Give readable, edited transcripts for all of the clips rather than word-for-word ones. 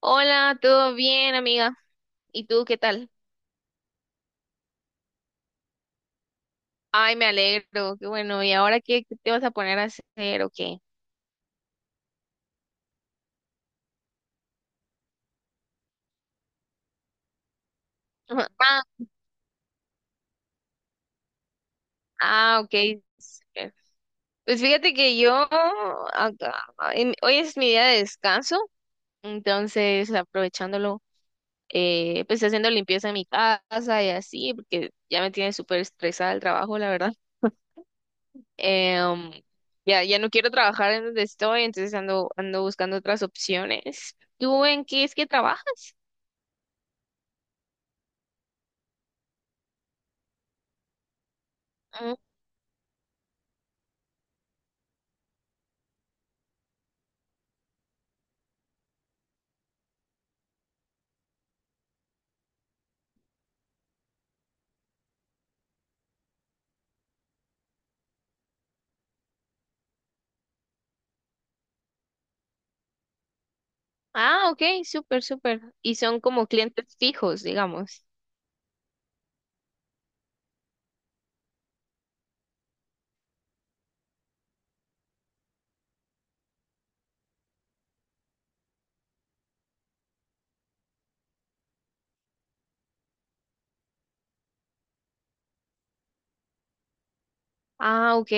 Hola, ¿todo bien, amiga? ¿Y tú qué tal? Ay, me alegro, qué bueno. ¿Y ahora qué te vas a poner a hacer o qué? Ah, ah, ok. Súper. Pues fíjate que yo, acá- hoy es mi día de descanso, entonces aprovechándolo, pues haciendo limpieza en mi casa y así, porque ya me tiene súper estresada el trabajo, la verdad. Em, ya no quiero trabajar en donde estoy, entonces ando buscando otras opciones. ¿Tú en qué es que trabajas? Ah, ok, súper, súper. Y son como clientes fijos, digamos. Ah, ok,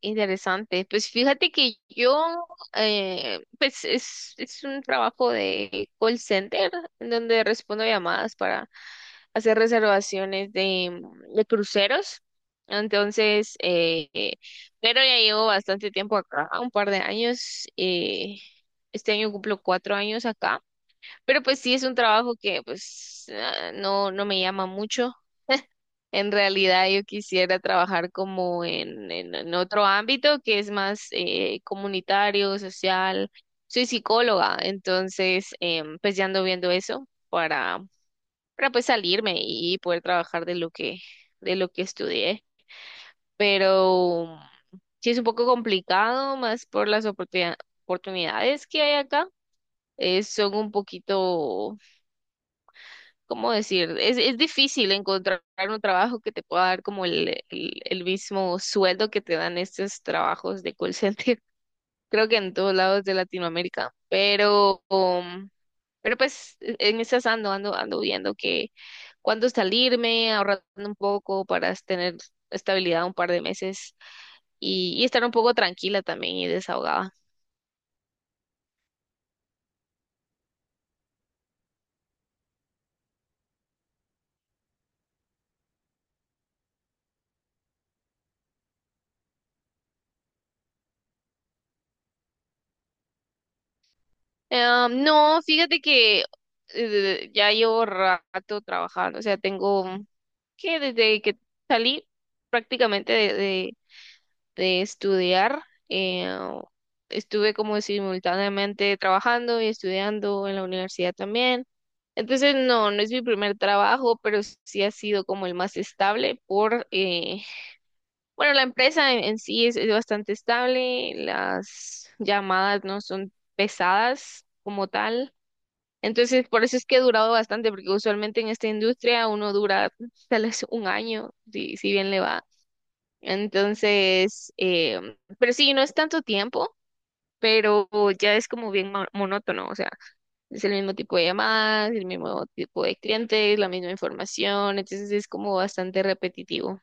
interesante. Pues fíjate que yo, pues es un trabajo de call center en donde respondo llamadas para hacer reservaciones de cruceros. Entonces, pero ya llevo bastante tiempo acá, un par de años. Este año cumplo 4 años acá. Pero pues sí es un trabajo que pues no, no me llama mucho. En realidad yo quisiera trabajar como en otro ámbito que es más comunitario, social. Soy psicóloga, entonces pues ya ando viendo eso para pues salirme y poder trabajar de lo que estudié. Pero sí es un poco complicado más por las oportunidades que hay acá. Son un poquito ¿cómo decir? Es difícil encontrar un trabajo que te pueda dar como el mismo sueldo que te dan estos trabajos de call center. Creo que en todos lados de Latinoamérica, pero, pero pues en esas ando viendo que cuándo salirme, ahorrando un poco para tener estabilidad un par de meses y estar un poco tranquila también y desahogada. No, fíjate que ya llevo rato trabajando, o sea, tengo que desde que salí prácticamente de estudiar, eh, estuve como simultáneamente trabajando y estudiando en la universidad también. Entonces, no, no es mi primer trabajo, pero sí ha sido como el más estable por, bueno, la empresa en sí es bastante estable, las llamadas no son pesadas como tal. Entonces, por eso es que he durado bastante, porque usualmente en esta industria uno dura tal vez un año, si, si bien le va. Entonces, pero sí, no es tanto tiempo, pero ya es como bien monótono, o sea, es el mismo tipo de llamadas, el mismo tipo de clientes, la misma información, entonces es como bastante repetitivo.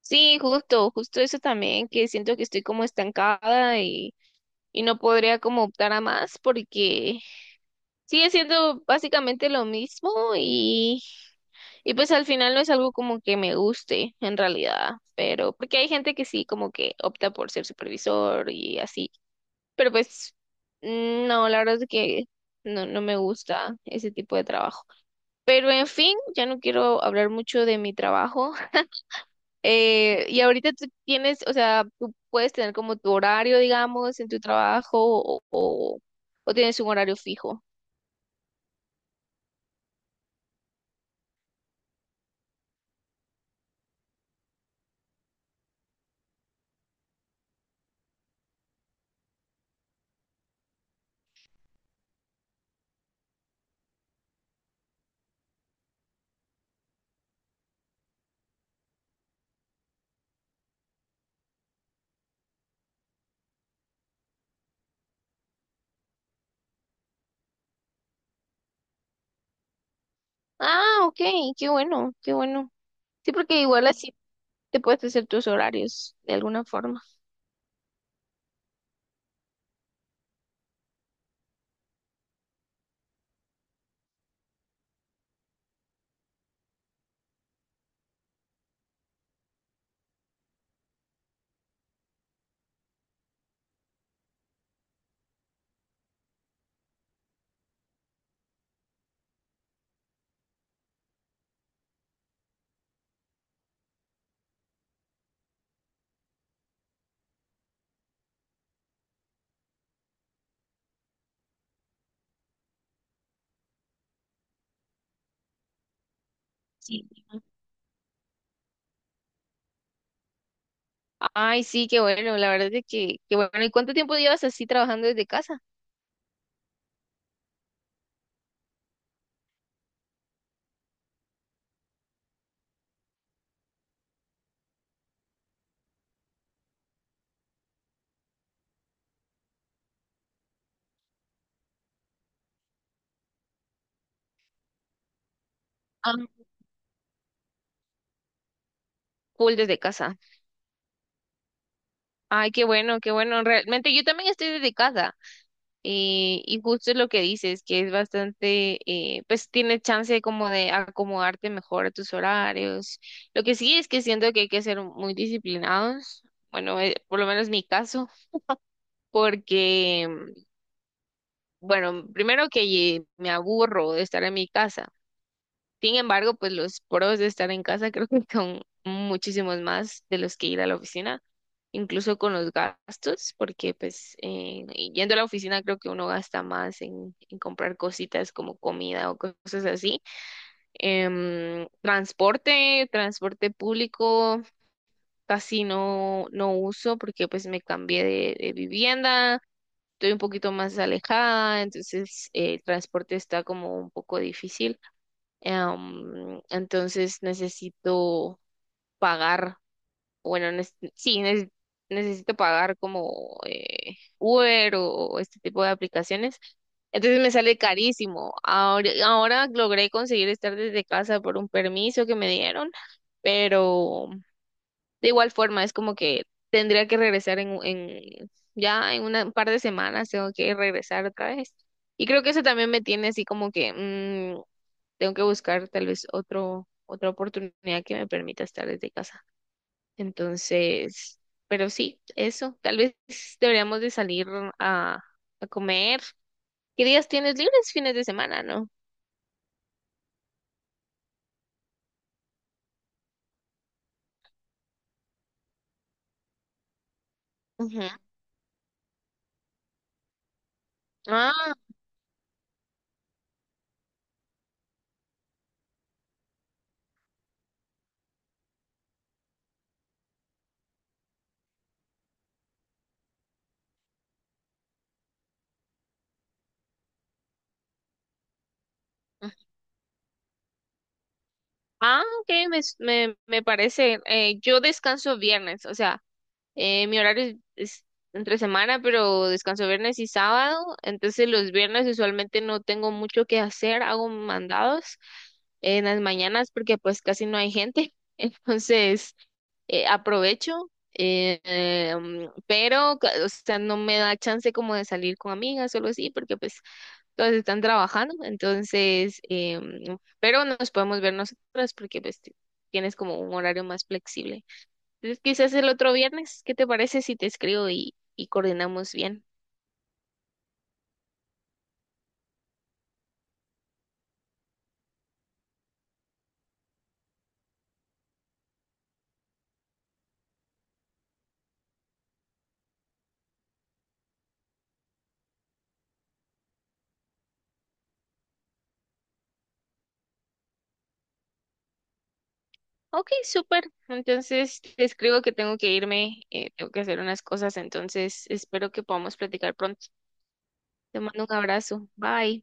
Sí, justo, justo eso también, que siento que estoy como estancada y no podría como optar a más porque sigue siendo básicamente lo mismo y, y pues al final no es algo como que me guste en realidad, pero porque hay gente que sí como que opta por ser supervisor y así, pero pues no, la verdad es que no, no me gusta ese tipo de trabajo. Pero en fin, ya no quiero hablar mucho de mi trabajo. Y ahorita tú tienes, o sea, tú puedes tener como tu horario, digamos, en tu trabajo o tienes un horario fijo. Ah, ok, qué bueno, qué bueno. Sí, porque igual así te puedes hacer tus horarios de alguna forma. Sí. Ay, sí, qué bueno, la verdad es que, qué bueno. ¿Y cuánto tiempo llevas así trabajando desde casa? Ah, full desde casa. Ay, qué bueno, qué bueno. Realmente yo también estoy desde casa. Y justo es lo que dices, que es bastante, pues tienes chance como de acomodarte mejor a tus horarios. Lo que sí es que siento que hay que ser muy disciplinados. Bueno, por lo menos mi caso, porque bueno, primero que me aburro de estar en mi casa. Sin embargo, pues los pros de estar en casa creo que son muchísimos más de los que ir a la oficina, incluso con los gastos, porque pues y yendo a la oficina creo que uno gasta más en comprar cositas como comida o cosas así. Transporte, transporte público, casi no uso porque pues me cambié de vivienda estoy un poquito más alejada, entonces el transporte está como un poco difícil. Entonces necesito pagar, bueno, sí, necesito pagar como Uber o este tipo de aplicaciones. Entonces me sale carísimo. Ahora logré conseguir estar desde casa por un permiso que me dieron, pero de igual forma, es como que tendría que regresar en ya en un par de semanas, tengo que regresar otra vez. Y creo que eso también me tiene así como que tengo que buscar tal vez otro, otra oportunidad que me permita estar desde casa. Entonces, pero sí, eso. Tal vez deberíamos de salir a, a comer. ¿Qué días tienes libres? Fines de semana, ¿no? Ujú. Ah, ah, ok, me parece. Yo descanso viernes, o sea. Mi horario es entre semana, pero descanso viernes y sábado. Entonces los viernes usualmente no tengo mucho que hacer, hago mandados en las mañanas porque pues casi no hay gente. Entonces aprovecho, pero o sea, no me da chance como de salir con amigas o algo así porque pues todas están trabajando. Entonces, pero nos podemos ver nosotras porque pues tienes como un horario más flexible. Entonces, quizás el otro viernes, ¿qué te parece si te escribo y coordinamos bien? Ok, súper. Entonces, te escribo que tengo que irme, tengo que hacer unas cosas, entonces espero que podamos platicar pronto. Te mando un abrazo. Bye.